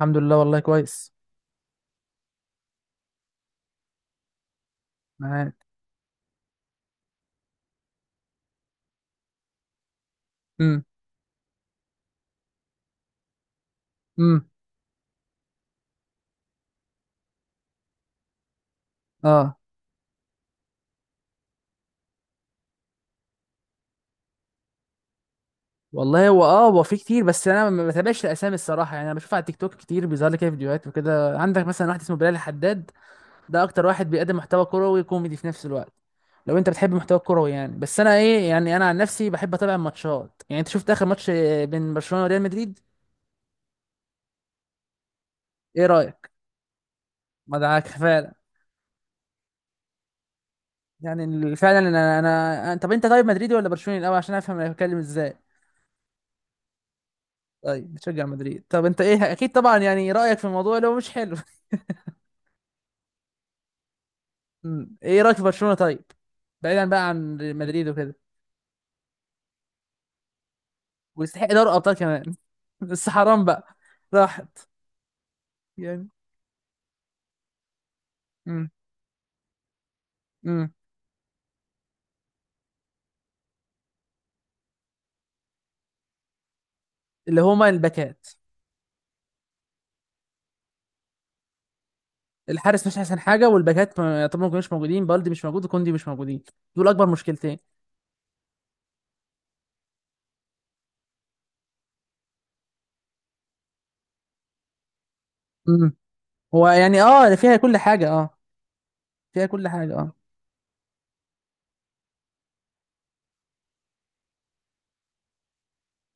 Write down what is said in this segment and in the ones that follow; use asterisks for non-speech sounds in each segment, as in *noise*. الحمد لله والله كويس. معاك. امم. امم. اه. والله هو هو في كتير، بس انا ما بتابعش الاسامي الصراحه، يعني انا بشوف على التيك توك كتير بيظهر لي كده فيديوهات وكده. عندك مثلا واحد اسمه بلال الحداد، ده اكتر واحد بيقدم محتوى كروي كوميدي في نفس الوقت. لو انت بتحب المحتوى الكروي يعني، بس انا ايه، يعني انا عن نفسي بحب اتابع الماتشات. يعني انت شفت اخر ماتش بين برشلونه وريال مدريد؟ ايه رايك؟ ما دعاك فعلا. يعني فعلا، طب انت، طيب، مدريدي ولا برشلوني الاول؟ عشان افهم انا بتكلم ازاي. طيب، بتشجع مدريد. طب انت ايه، اكيد طبعا يعني رايك في الموضوع لو مش حلو. *laughs* مم. ايه رايك في برشلونه طيب؟ بعيدا بقى عن مدريد وكده. ويستحق دوري ابطال كمان *laughs* بس حرام بقى. راحت. يعني امم امم اللي هما الباكات. الحارس مش احسن حاجه، والباكات طبعا ما كانوش موجودين. بالدي مش موجود وكوندي مش موجودين. دول اكبر مشكلتين. امم هو يعني فيها كل حاجه، اه. فيها كل حاجه، اه.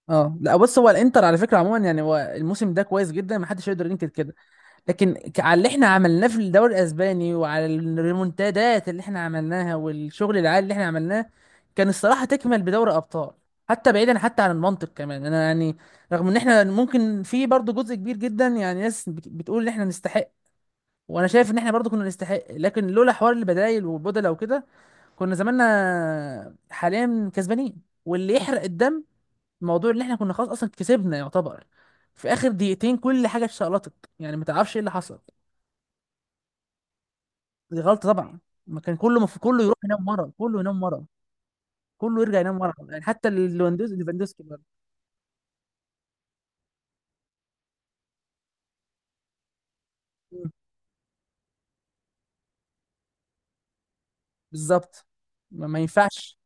اه، لا بص، هو الانتر على فكره عموما يعني هو الموسم ده كويس جدا، ما حدش يقدر ينكر كده. لكن على اللي احنا عملناه في الدوري الاسباني، وعلى الريمونتادات اللي احنا عملناها، والشغل العالي اللي احنا عملناه، كان الصراحه تكمل بدوري ابطال. حتى بعيدا حتى عن المنطق كمان، انا يعني رغم ان احنا ممكن في برضه جزء كبير جدا يعني ناس بتقول ان احنا نستحق. وانا شايف ان احنا برضه كنا نستحق، لكن لولا حوار البدايل والبدله وكده، كنا زماننا حاليا كسبانين. واللي يحرق الدم موضوع ان احنا كنا خلاص اصلا كسبنا يعتبر. في اخر دقيقتين كل حاجه اتشقلطت. يعني ما تعرفش ايه اللي حصل. دي غلطة طبعا. ما كان كله يروح ينام مرة، كله ينام مرة، كله يرجع ينام مرة. يعني حتى ليفاندوسكي برضه. مم. بالظبط. ما ينفعش.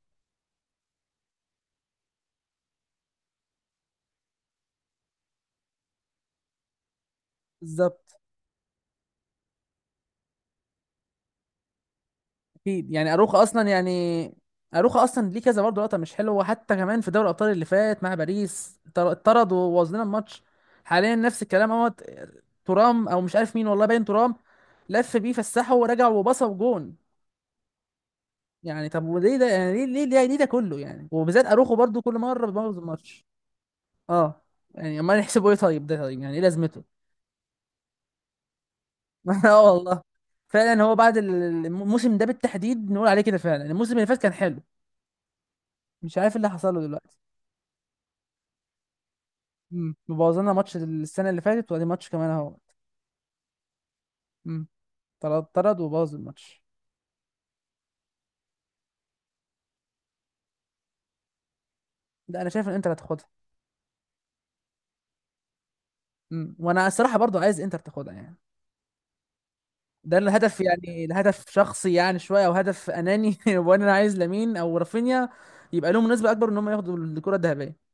بالظبط. اكيد يعني اروخا اصلا يعني. اروخا اصلا ليه كذا برضه لقطة مش حلوة، حتى كمان في دوري الابطال اللي فات مع باريس اتطرد وبوظ لنا الماتش. حاليا نفس الكلام اهوت. ترام او مش عارف مين، والله باين ترام، لف بيه فسحه ورجع وبصه جون. يعني طب وليه ده يعني ليه ليه ليه، ليه ده كله يعني؟ وبالذات اروخو برضه كل مرة بيبوظ الماتش. اه. يعني امال يحسبوا ايه؟ طيب ده طيب يعني ايه لازمته؟ *laughs* اه والله. فعلا هو بعد الموسم ده بالتحديد نقول عليه كده، فعلا الموسم اللي فات كان حلو. مش عارف إيه اللي حصل له دلوقتي. مبوظلنا ماتش السنه اللي فاتت وادي ماتش كمان اهو. امم. طرد طرد وبوظ الماتش. ده انا شايف ان انتر هتاخدها. وانا الصراحه برضو عايز انتر تاخدها يعني. ده الهدف، يعني الهدف شخصي يعني شويه، او هدف اناني *laughs* وانا عايز لامين او رافينيا يبقى لهم نسبه اكبر ان هم ياخدوا الكره الذهبيه.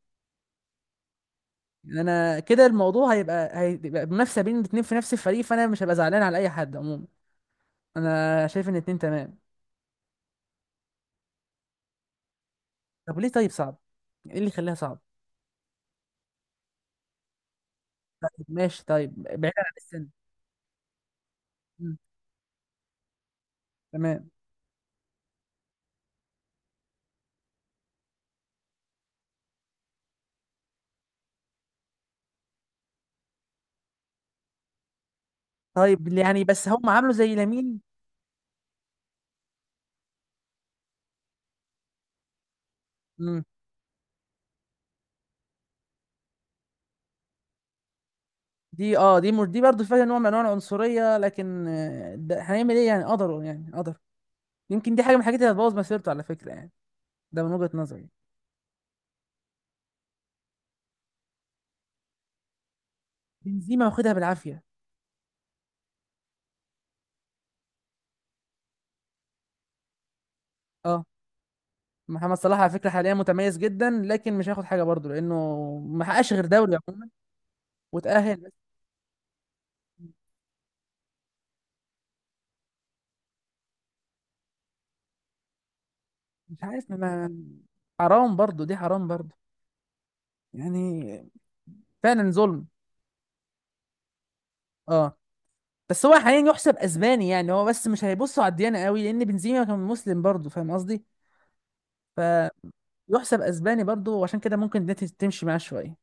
انا كده الموضوع هيبقى منافسه بين الاتنين في نفس الفريق، فانا مش هبقى زعلان على اي حد عموما. انا شايف ان الاتنين تمام. طب ليه؟ طيب صعب. ايه اللي يخليها صعب؟ طيب ماشي، طيب بعيدا عن السن. مم. تمام. طيب يعني بس هم عملوا زي لامين. مم. دي اه دي مر... دي برضه فيها نوع من انواع العنصريه، لكن ده هنعمل ايه، يعني قدروا يعني قدر. يمكن دي حاجه من الحاجات اللي هتبوظ مسيرته على فكره يعني. ده من وجهه نظري. بنزيما واخدها بالعافيه. اه. محمد صلاح على فكره حاليا متميز جدا، لكن مش هياخد حاجه برضه لانه ما حققش غير دوري عموما، وتاهل بس. مش عارف ما. حرام برضه، دي حرام برضه. يعني فعلا ظلم. اه. بس هو حاليا يحسب اسباني يعني، هو بس مش هيبصوا على الديانه قوي، لان بنزيما كان مسلم برضه، فاهم قصدي؟ فيحسب اسباني برضه، وعشان كده ممكن ده تمشي معاه شويه.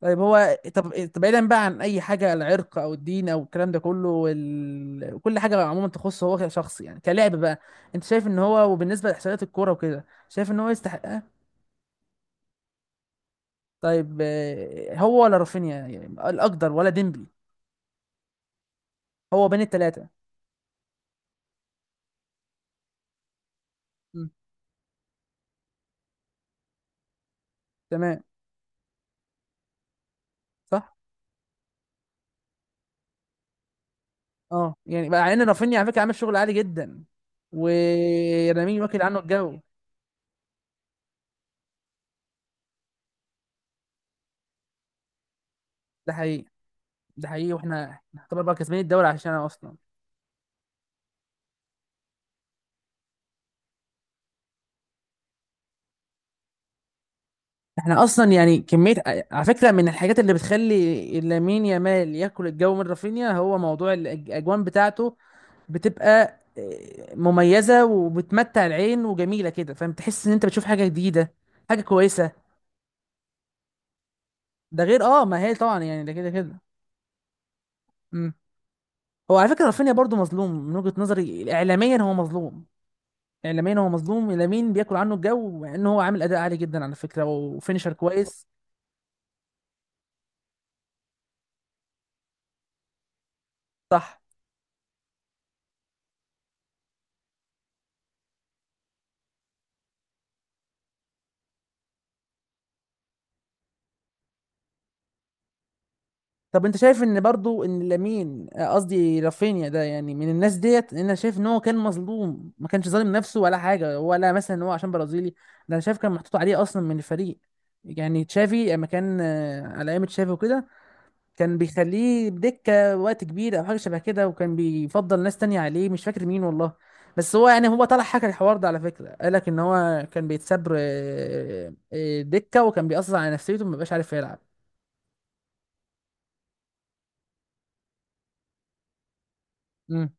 طيب هو، طب بعيدا بقى عن اي حاجه، العرق او الدين او الكلام ده كله كل حاجه عموما تخصه هو شخص، يعني كلاعب بقى، انت شايف ان هو، وبالنسبه لاحصائيات الكوره وكده، شايف ان هو يستحقها؟ طيب هو ولا رافينيا، يعني الاقدر، ولا ديمبلي؟ هو بين الثلاثه. تمام. صح. اه يعني مع ان رافينيا على فكره عامل شغل عالي جدا. ورامين واكل عنه الجو. ده حقيقي. ده حقيقي، واحنا نعتبر بقى كسبانين الدوري عشانه اصلا. احنا اصلا يعني كميه. على فكره من الحاجات اللي بتخلي لامين يامال ياكل الجو من رافينيا هو موضوع الاجوان بتاعته. بتبقى مميزه وبتمتع العين وجميله كده، فاهم، تحس ان انت بتشوف حاجه جديده، حاجه كويسه. ده غير ما هي طبعا يعني ده كده كده. مم. هو على فكره رافينيا برضو مظلوم، من وجهه نظري اعلاميا هو مظلوم. اعلاميا هو مظلوم، لامين بياكل عنه الجو، مع ان هو عامل اداء عالي جدا على فكره وفينيشر كويس. صح. طب انت شايف ان برضو ان لامين، قصدي رافينيا، ده يعني من الناس ديت، ان انا شايف ان هو كان مظلوم، ما كانش ظالم نفسه ولا حاجه، ولا مثلا ان هو عشان برازيلي ده. انا شايف كان محطوط عليه اصلا من الفريق. يعني تشافي لما كان على ايام تشافي وكده، كان بيخليه بدكه وقت كبير او حاجه شبه كده، وكان بيفضل ناس تانية عليه مش فاكر مين والله. بس هو يعني هو طلع حكى الحوار ده على فكره، قال لك ان هو كان بيتساب دكه، وكان بيأثر على نفسيته، ما بقاش عارف يلعب. امم.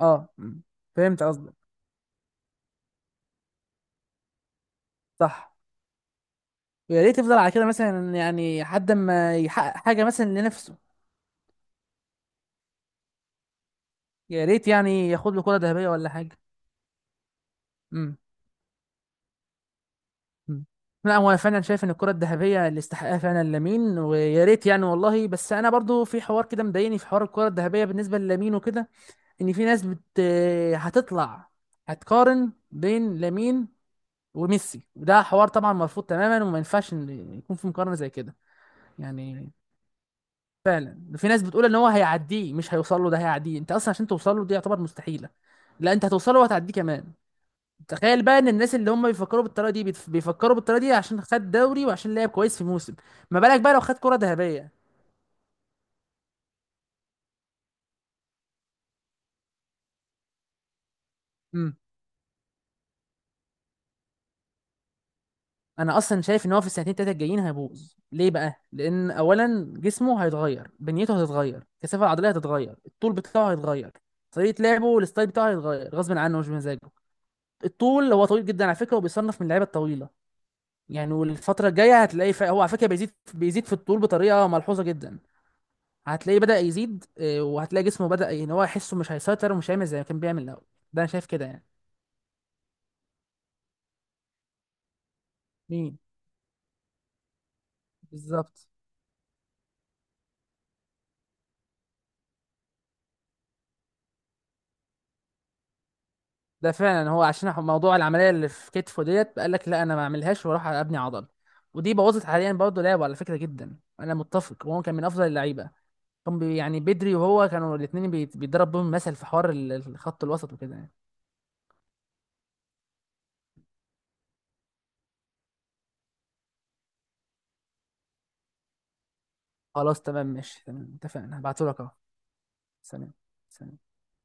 اه. مم. فهمت قصدك. صح. ويا ريت يفضل على كده مثلا يعني لحد ما يحقق حاجه مثلا لنفسه. يا ريت يعني ياخد له كره ذهبيه ولا حاجه. امم. أمم. لا، هو انا فعلا شايف ان الكره الذهبيه اللي استحقها فعلا لامين، ويا ريت يعني والله. بس انا برضو في حوار كده مضايقني في حوار الكره الذهبيه بالنسبه للامين وكده، ان في ناس بت، هتطلع، هتقارن بين لامين وميسي، وده حوار طبعا مرفوض تماما، وما ينفعش إن يكون في مقارنه زي كده يعني. فعلا في ناس بتقول ان هو هيعديه، مش هيوصل له ده هيعديه. انت اصلا عشان توصل له دي يعتبر مستحيله. لا، انت هتوصل له وهتعديه كمان. تخيل بقى ان الناس اللي هم بيفكروا بالطريقه دي بيفكروا بالطريقه دي عشان خد دوري وعشان لعب كويس في موسم، ما بالك بقى لو خد كره ذهبيه؟ امم. انا اصلا شايف ان هو في السنتين التلاته الجايين هيبوظ ليه بقى، لان اولا جسمه هيتغير، بنيته هتتغير، الكثافه العضليه هتتغير، الطول بتاعه هيتغير، طريقه لعبه والستايل بتاعه هيتغير غصب عنه مش بمزاجه. الطول، هو طويل جدا على فكره، وبيصنف من اللعيبه الطويله يعني. والفترة الجاية هتلاقي هو على فكرة بيزيد بيزيد في الطول بطريقة ملحوظة جدا، هتلاقيه بدأ يزيد وهتلاقي جسمه بدأ ان هو يحسه مش هيسيطر، ومش هيعمل زي ما كان بيعمل الأول. ده أنا شايف كده يعني. مين؟ بالظبط. ده فعلا هو عشان موضوع العملية اللي في كتفه ديت، قال لك لا، أنا ما أعملهاش، وأروح أبني عضل. ودي بوظت حاليا برضه لعبه على فكرة جدا، أنا متفق. وهو كان من أفضل اللعيبة، كان يعني بدري، وهو كانوا الاتنين بيتضرب بيهم مثل في حوار الخط الوسط وكده يعني. خلاص تمام ماشي تمام، اتفقنا، هبعتهولك أهو. سلام. سلام.